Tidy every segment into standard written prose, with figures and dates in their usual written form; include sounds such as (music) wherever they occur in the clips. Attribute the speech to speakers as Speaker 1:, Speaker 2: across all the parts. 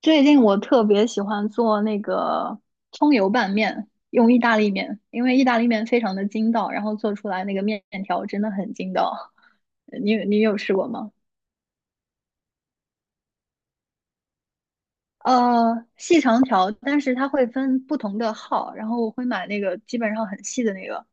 Speaker 1: 最近我特别喜欢做那个葱油拌面，用意大利面，因为意大利面非常的筋道，然后做出来那个面条真的很筋道。(laughs) 你有试过吗？细长条，但是它会分不同的号，然后我会买那个基本上很细的那个，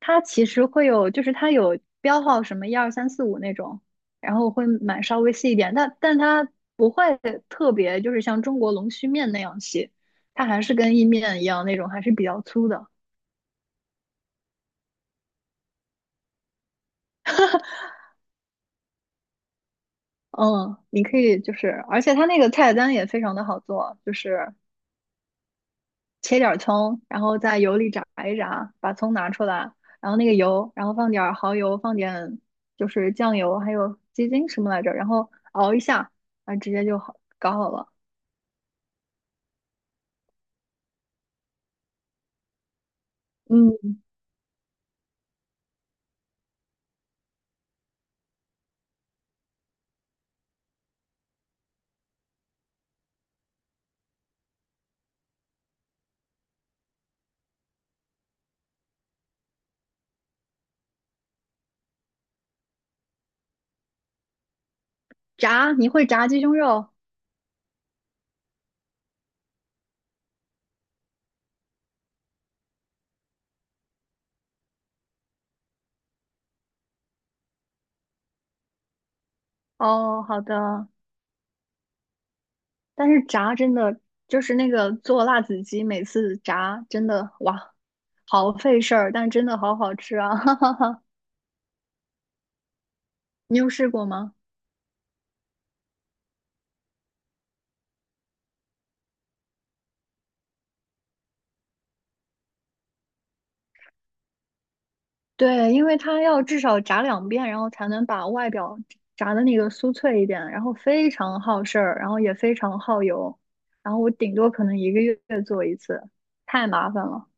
Speaker 1: 它其实会有，就是它有标号什么一二三四五那种，然后会买稍微细一点，但它不会特别，就是像中国龙须面那样细，它还是跟意面一样那种，还是比较粗的。嗯，你可以就是，而且它那个菜单也非常的好做，就是切点儿葱，然后在油里炸一炸，把葱拿出来，然后那个油，然后放点儿蚝油，放点就是酱油，还有鸡精什么来着，然后熬一下，啊，直接就好搞好了。嗯。炸，你会炸鸡胸肉？哦，好的。但是炸真的就是那个做辣子鸡，每次炸真的哇，好费事儿，但真的好好吃啊！(laughs) 哈哈哈，你有试过吗？对，因为它要至少炸两遍，然后才能把外表炸的那个酥脆一点，然后非常耗事儿，然后也非常耗油，然后我顶多可能一个月做一次，太麻烦了。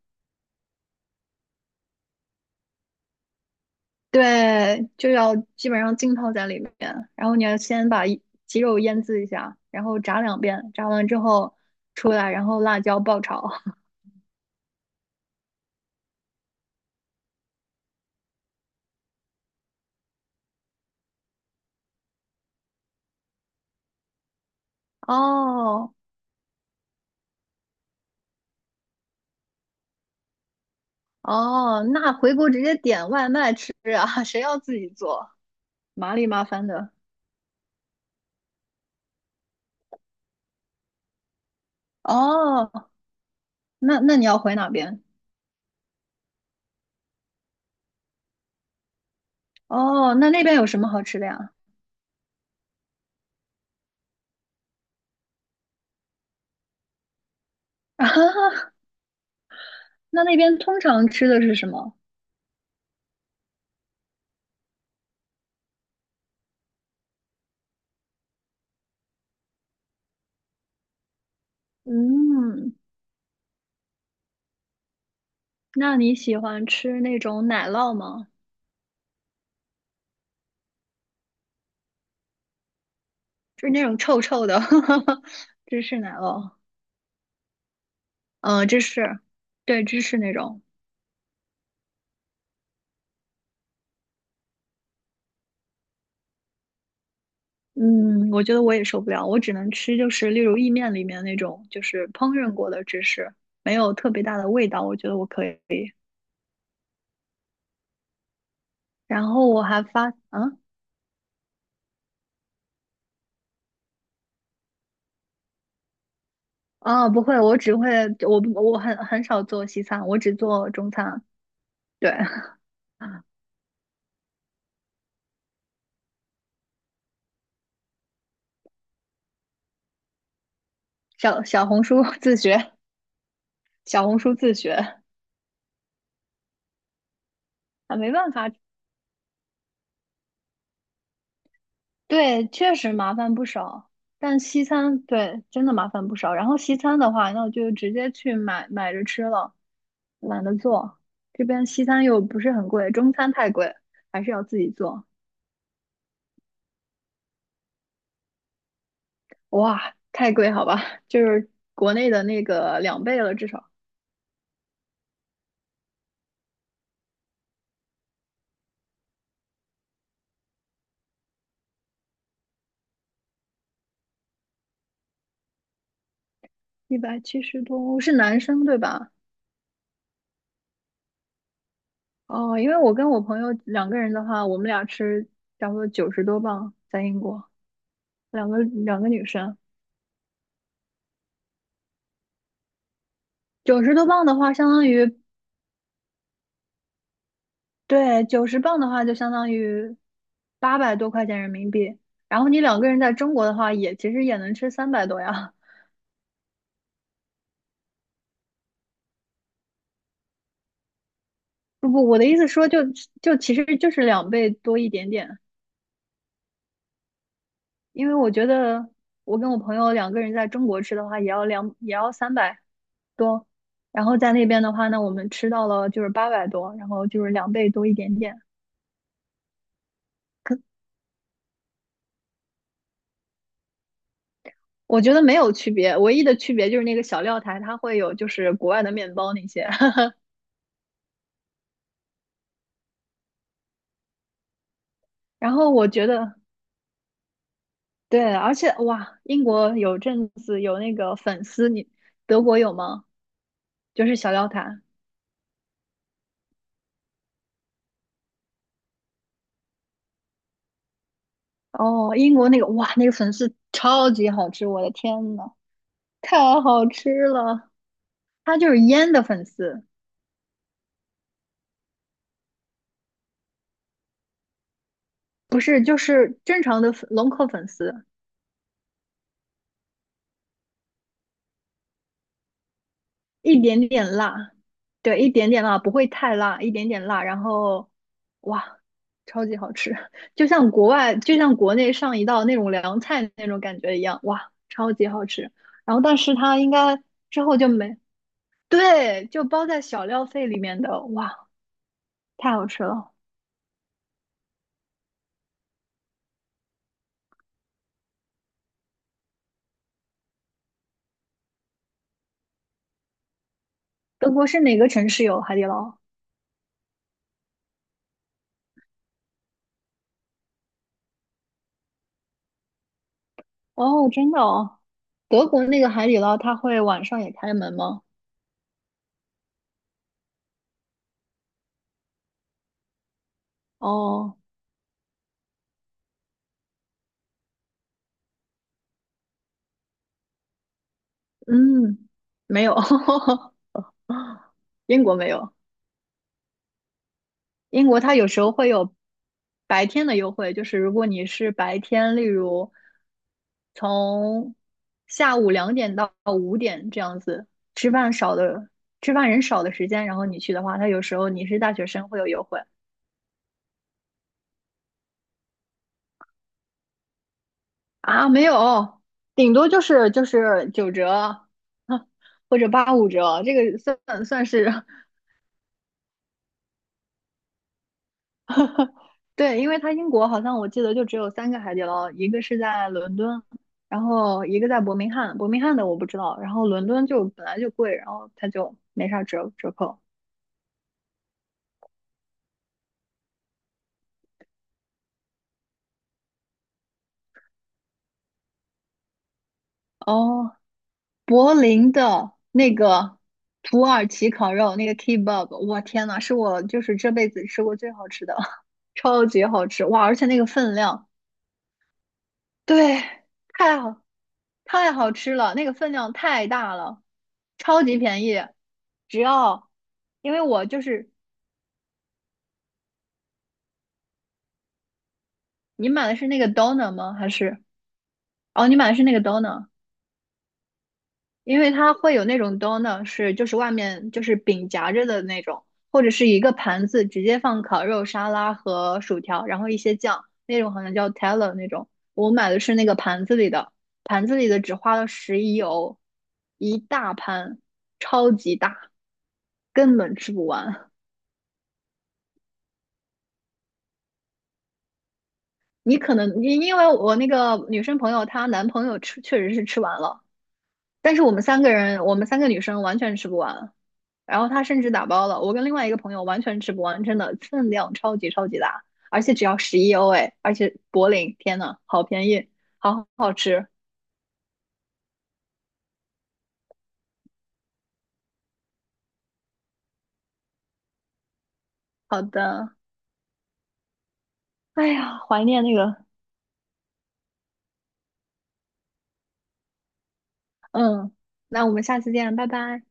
Speaker 1: 对，就要基本上浸泡在里面，然后你要先把一鸡肉腌制一下，然后炸两遍，炸完之后出来，然后辣椒爆炒。(laughs) 哦哦，那回国直接点外卖吃啊，(laughs) 谁要自己做，麻里麻烦的。哦，那你要回哪边？哦，那边有什么好吃的呀？(laughs) 啊，那边通常吃的是什么？嗯，那你喜欢吃那种奶酪吗？就是那种臭臭的 (laughs) 芝士奶酪，嗯、芝士，对，芝士那种，嗯，我觉得我也受不了，我只能吃就是例如意面里面那种就是烹饪过的芝士，没有特别大的味道，我觉得我可以。然后我还发，嗯，啊，不会，我只会，我不我很少做西餐，我只做中餐，对，(laughs) 小红书自学，小红书自学。啊，没办法。对，确实麻烦不少。但西餐，对，真的麻烦不少。然后西餐的话，那我就直接去买买着吃了，懒得做。这边西餐又不是很贵，中餐太贵，还是要自己做。哇，太贵，好吧，就是国内的那个两倍了，至少。170多，是男生对吧？哦，因为我跟我朋友两个人的话，我们俩吃差不多九十多磅，在英国，两个两个女生。九十多磅的话，相当于，对，90磅的话就相当于八百多块钱人民币，然后你两个人在中国的话也，其实也能吃三百多呀。(laughs) 不不，我的意思说就其实就是两倍多一点点，因为我觉得我跟我朋友两个人在中国吃的话，也要三百多，然后在那边的话呢，我们吃到了就是八百多，然后就是两倍多一点点，我觉得没有区别，唯一的区别就是那个小料台它会有就是国外的面包那些。(laughs) 然后我觉得，对，而且哇，英国有阵子有那个粉丝，你德国有吗？就是小料坛。哦，英国那个哇，那个粉丝超级好吃，我的天呐，太好吃了！它就是腌的粉丝，不是就是正常的粉龙口粉丝，一点点辣，对，一点点辣，不会太辣，一点点辣，然后哇，超级好吃，(laughs) 就像国外，就像国内上一道那种凉菜那种感觉一样，哇，超级好吃。然后，但是它应该之后就没，对，就包在小料费里面的，哇，太好吃了。德国是哪个城市有海底捞？哦，真的哦，德国那个海底捞它会晚上也开门吗？哦，嗯，没有，(laughs) 英国没有。英国它有时候会有白天的优惠，就是如果你是白天，例如从下午2点到5点这样子，吃饭少的吃饭人少的时间，然后你去的话，它有时候你是大学生会有优惠。啊，没有，顶多就是9折，(laughs) 或者85折，这个算是。 (laughs) 对，因为它英国好像我记得就只有三个海底捞，一个是在伦敦，然后一个在伯明翰，伯明翰的我不知道，然后伦敦就本来就贵，然后它就没啥折扣。哦，柏林的那个土耳其烤肉，那个 kebab，我天呐，是我就是这辈子吃过最好吃的，(laughs) 超级好吃，哇！而且那个分量，对，太好太好吃了，那个分量太大了，超级便宜，只要。因为我就是你买的是那个 d o n e r 吗？还是哦，你买的是那个 d o n e r 因为它会有那种 Döner 是就是外面就是饼夹着的那种，或者是一个盘子直接放烤肉、沙拉和薯条，然后一些酱，那种好像叫 teller 那种。我买的是那个盘子里的，盘子里的只花了十一欧，一大盘，超级大，根本吃不完。你可能因为我那个女生朋友她男朋友吃确实是吃完了。但是我们三个人，我们三个女生完全吃不完，然后他甚至打包了，我跟另外一个朋友完全吃不完，真的分量超级超级大，而且只要十一欧哎，而且柏林，天呐，好便宜，好好吃，好的，哎呀，怀念那个，嗯，那我们下次见，拜拜。